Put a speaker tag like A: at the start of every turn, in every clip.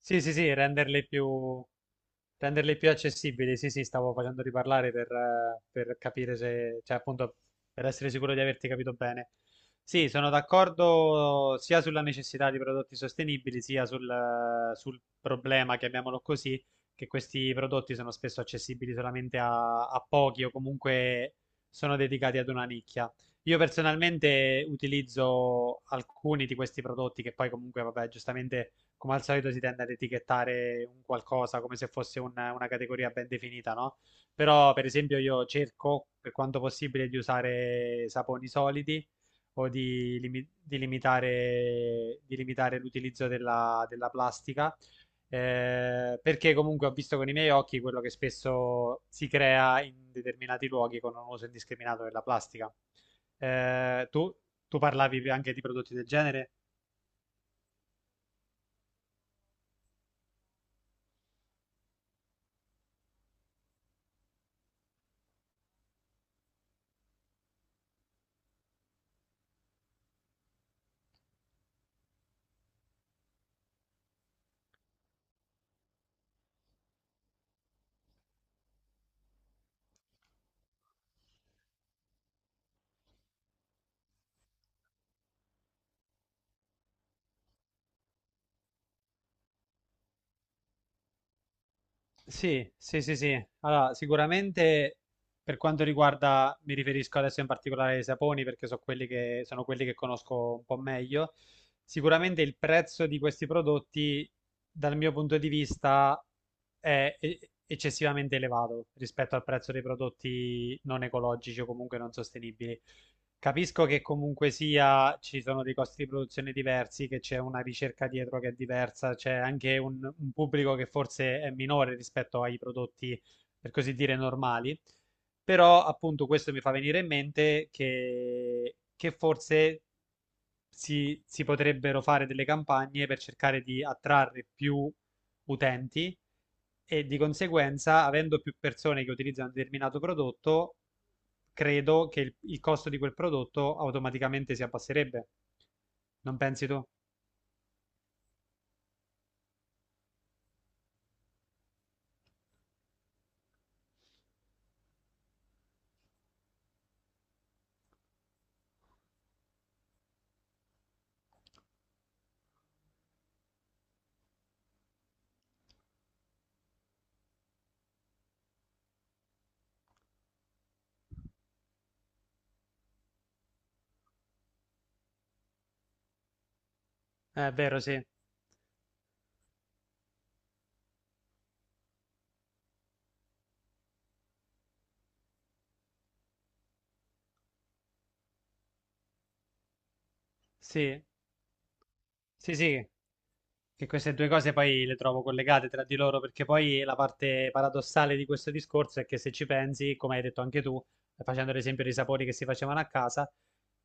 A: Sì, sì, sì, renderle più accessibili. Sì, sì, stavo facendo riparlare per capire se, cioè appunto per essere sicuro di averti capito bene. Sì, sono d'accordo sia sulla necessità di prodotti sostenibili, sia sul, sul problema, chiamiamolo così, che questi prodotti sono spesso accessibili solamente a pochi o comunque sono dedicati ad una nicchia. Io personalmente utilizzo alcuni di questi prodotti che poi comunque, vabbè, giustamente come al solito si tende ad etichettare un qualcosa come se fosse una categoria ben definita, no? Però, per esempio, io cerco per quanto possibile di usare saponi solidi o di limitare, di limitare l'utilizzo della plastica, perché comunque ho visto con i miei occhi quello che spesso si crea in determinati luoghi con un uso indiscriminato della plastica. Eh, tu, tu parlavi anche di prodotti del genere? Sì, sì, sì, sì. Allora, sicuramente per quanto riguarda, mi riferisco adesso in particolare ai saponi perché so quelli che, sono quelli che conosco un po' meglio. Sicuramente il prezzo di questi prodotti, dal mio punto di vista, è eccessivamente elevato rispetto al prezzo dei prodotti non ecologici o comunque non sostenibili. Capisco che comunque sia ci sono dei costi di produzione diversi, che c'è una ricerca dietro che è diversa, c'è anche un pubblico che forse è minore rispetto ai prodotti, per così dire, normali. Però appunto questo mi fa venire in mente che forse si potrebbero fare delle campagne per cercare di attrarre più utenti e di conseguenza, avendo più persone che utilizzano un determinato prodotto, credo che il costo di quel prodotto automaticamente si abbasserebbe. Non pensi tu? È vero, sì. Sì, sì, sì. Che queste due cose poi le trovo collegate tra di loro, perché poi la parte paradossale di questo discorso è che se ci pensi, come hai detto anche tu, facendo l'esempio dei sapori che si facevano a casa,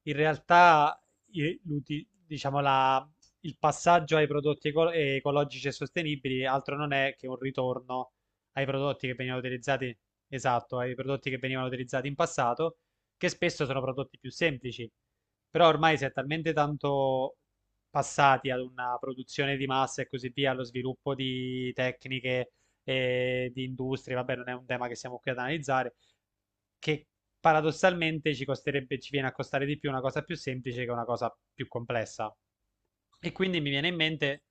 A: in realtà i- l'uti- diciamo, la- il passaggio ai prodotti ecologici e sostenibili altro non è che un ritorno ai prodotti che venivano utilizzati, esatto, ai prodotti che venivano utilizzati in passato, che spesso sono prodotti più semplici. Però ormai si è talmente tanto passati ad una produzione di massa e così via, allo sviluppo di tecniche e di industrie, vabbè, non è un tema che siamo qui ad analizzare, che paradossalmente ci costerebbe, ci viene a costare di più una cosa più semplice che una cosa più complessa. E quindi mi viene in mente.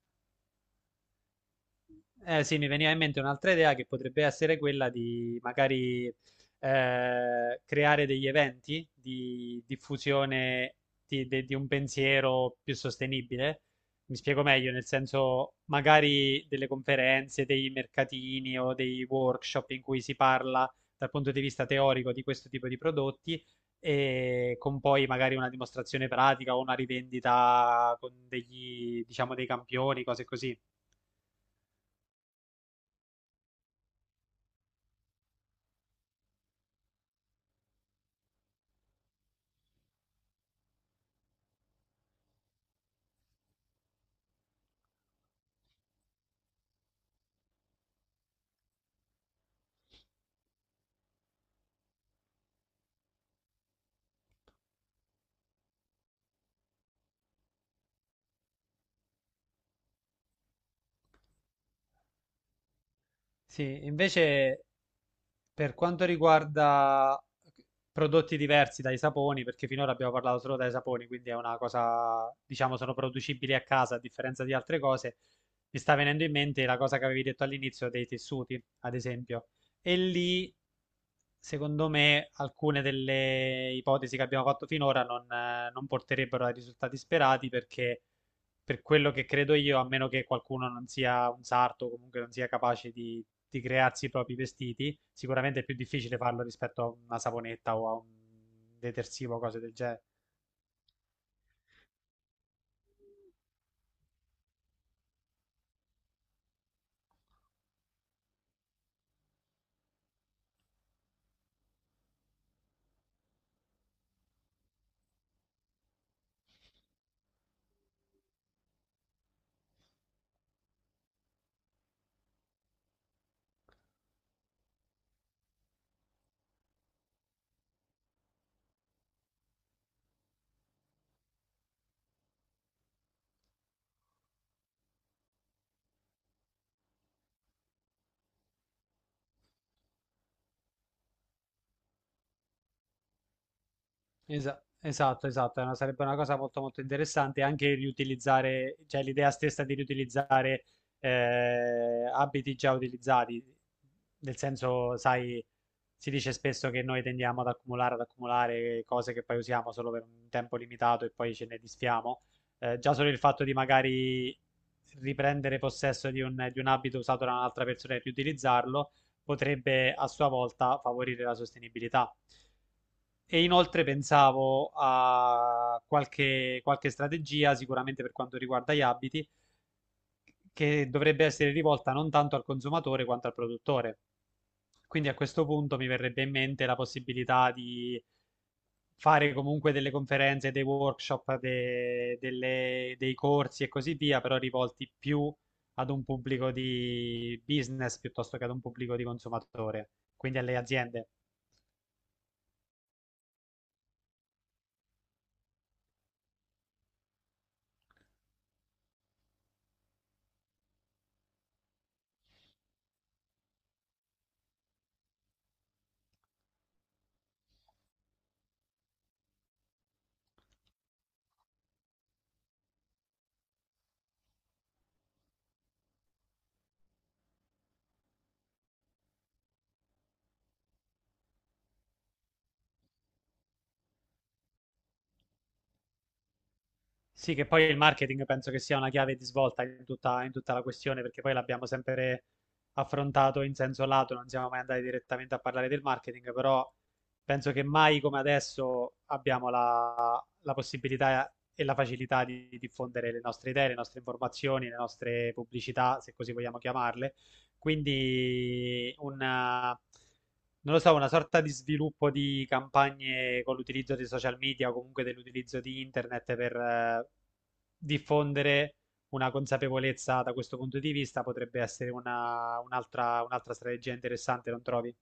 A: Eh sì, mi veniva in mente un'altra idea che potrebbe essere quella di magari creare degli eventi di diffusione di un pensiero più sostenibile. Mi spiego meglio, nel senso magari delle conferenze, dei mercatini o dei workshop in cui si parla dal punto di vista teorico di questo tipo di prodotti e con poi magari una dimostrazione pratica o una rivendita con degli, diciamo, dei campioni, cose così. Sì, invece, per quanto riguarda eh, prodotti diversi dai saponi, perché finora abbiamo parlato solo dai saponi, quindi è una cosa, diciamo, sono producibili a casa a differenza di altre cose, mi sta venendo in mente la cosa che avevi detto all'inizio dei tessuti, ad esempio. E lì secondo me alcune delle ipotesi che abbiamo fatto finora non porterebbero ai risultati sperati perché per quello che credo io, a meno che qualcuno non sia un sarto o comunque non sia capace di crearsi i propri vestiti, sicuramente è più difficile farlo rispetto a una saponetta o a un detersivo o cose del genere. Esatto, esatto, sarebbe una cosa molto molto interessante anche riutilizzare, cioè l'idea stessa di riutilizzare abiti già utilizzati, nel senso, sai, si dice spesso che noi tendiamo ad accumulare cose che poi usiamo solo per un tempo limitato e poi ce ne disfiamo. Già solo il fatto di magari riprendere possesso di di un abito usato da un'altra persona e riutilizzarlo potrebbe a sua volta favorire la sostenibilità. E inoltre pensavo a qualche strategia, sicuramente per quanto riguarda gli abiti, che dovrebbe essere rivolta non tanto al consumatore quanto al produttore. Quindi a questo punto mi verrebbe in mente la possibilità di fare comunque delle conferenze, dei workshop, dei corsi e così via, però rivolti più ad un pubblico di business piuttosto che ad un pubblico di consumatore, quindi alle aziende. Sì, che poi il marketing penso che sia una chiave di svolta in tutta la questione, perché poi l'abbiamo sempre affrontato in senso lato, non siamo mai andati direttamente a parlare del marketing, però penso che mai come adesso abbiamo la possibilità e la facilità di diffondere le nostre idee, le nostre informazioni, le nostre pubblicità, se così vogliamo chiamarle, quindi una, non lo so, una sorta di sviluppo di campagne con l'utilizzo di social media o comunque dell'utilizzo di internet per diffondere una consapevolezza da questo punto di vista potrebbe essere un'altra, un'altra strategia interessante, non trovi?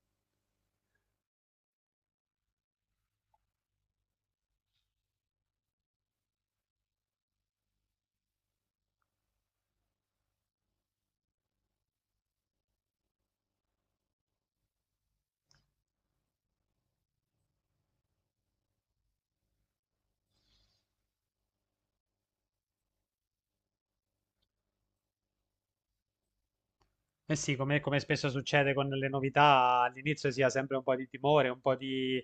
A: Eh sì, come, come spesso succede con le novità, all'inizio si ha sempre un po' di timore, un po' di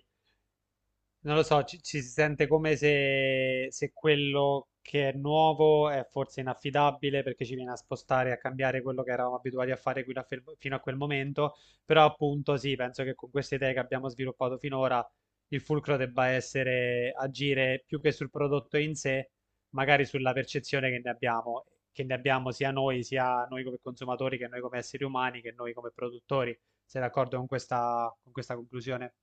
A: non lo so, ci si sente come se, se quello che è nuovo è forse inaffidabile perché ci viene a spostare, a cambiare quello che eravamo abituati a fare fino a quel momento, però appunto sì, penso che con queste idee che abbiamo sviluppato finora il fulcro debba essere agire più che sul prodotto in sé, magari sulla percezione che ne abbiamo sia noi come consumatori, che noi come esseri umani, che noi come produttori. Sei d'accordo con questa conclusione?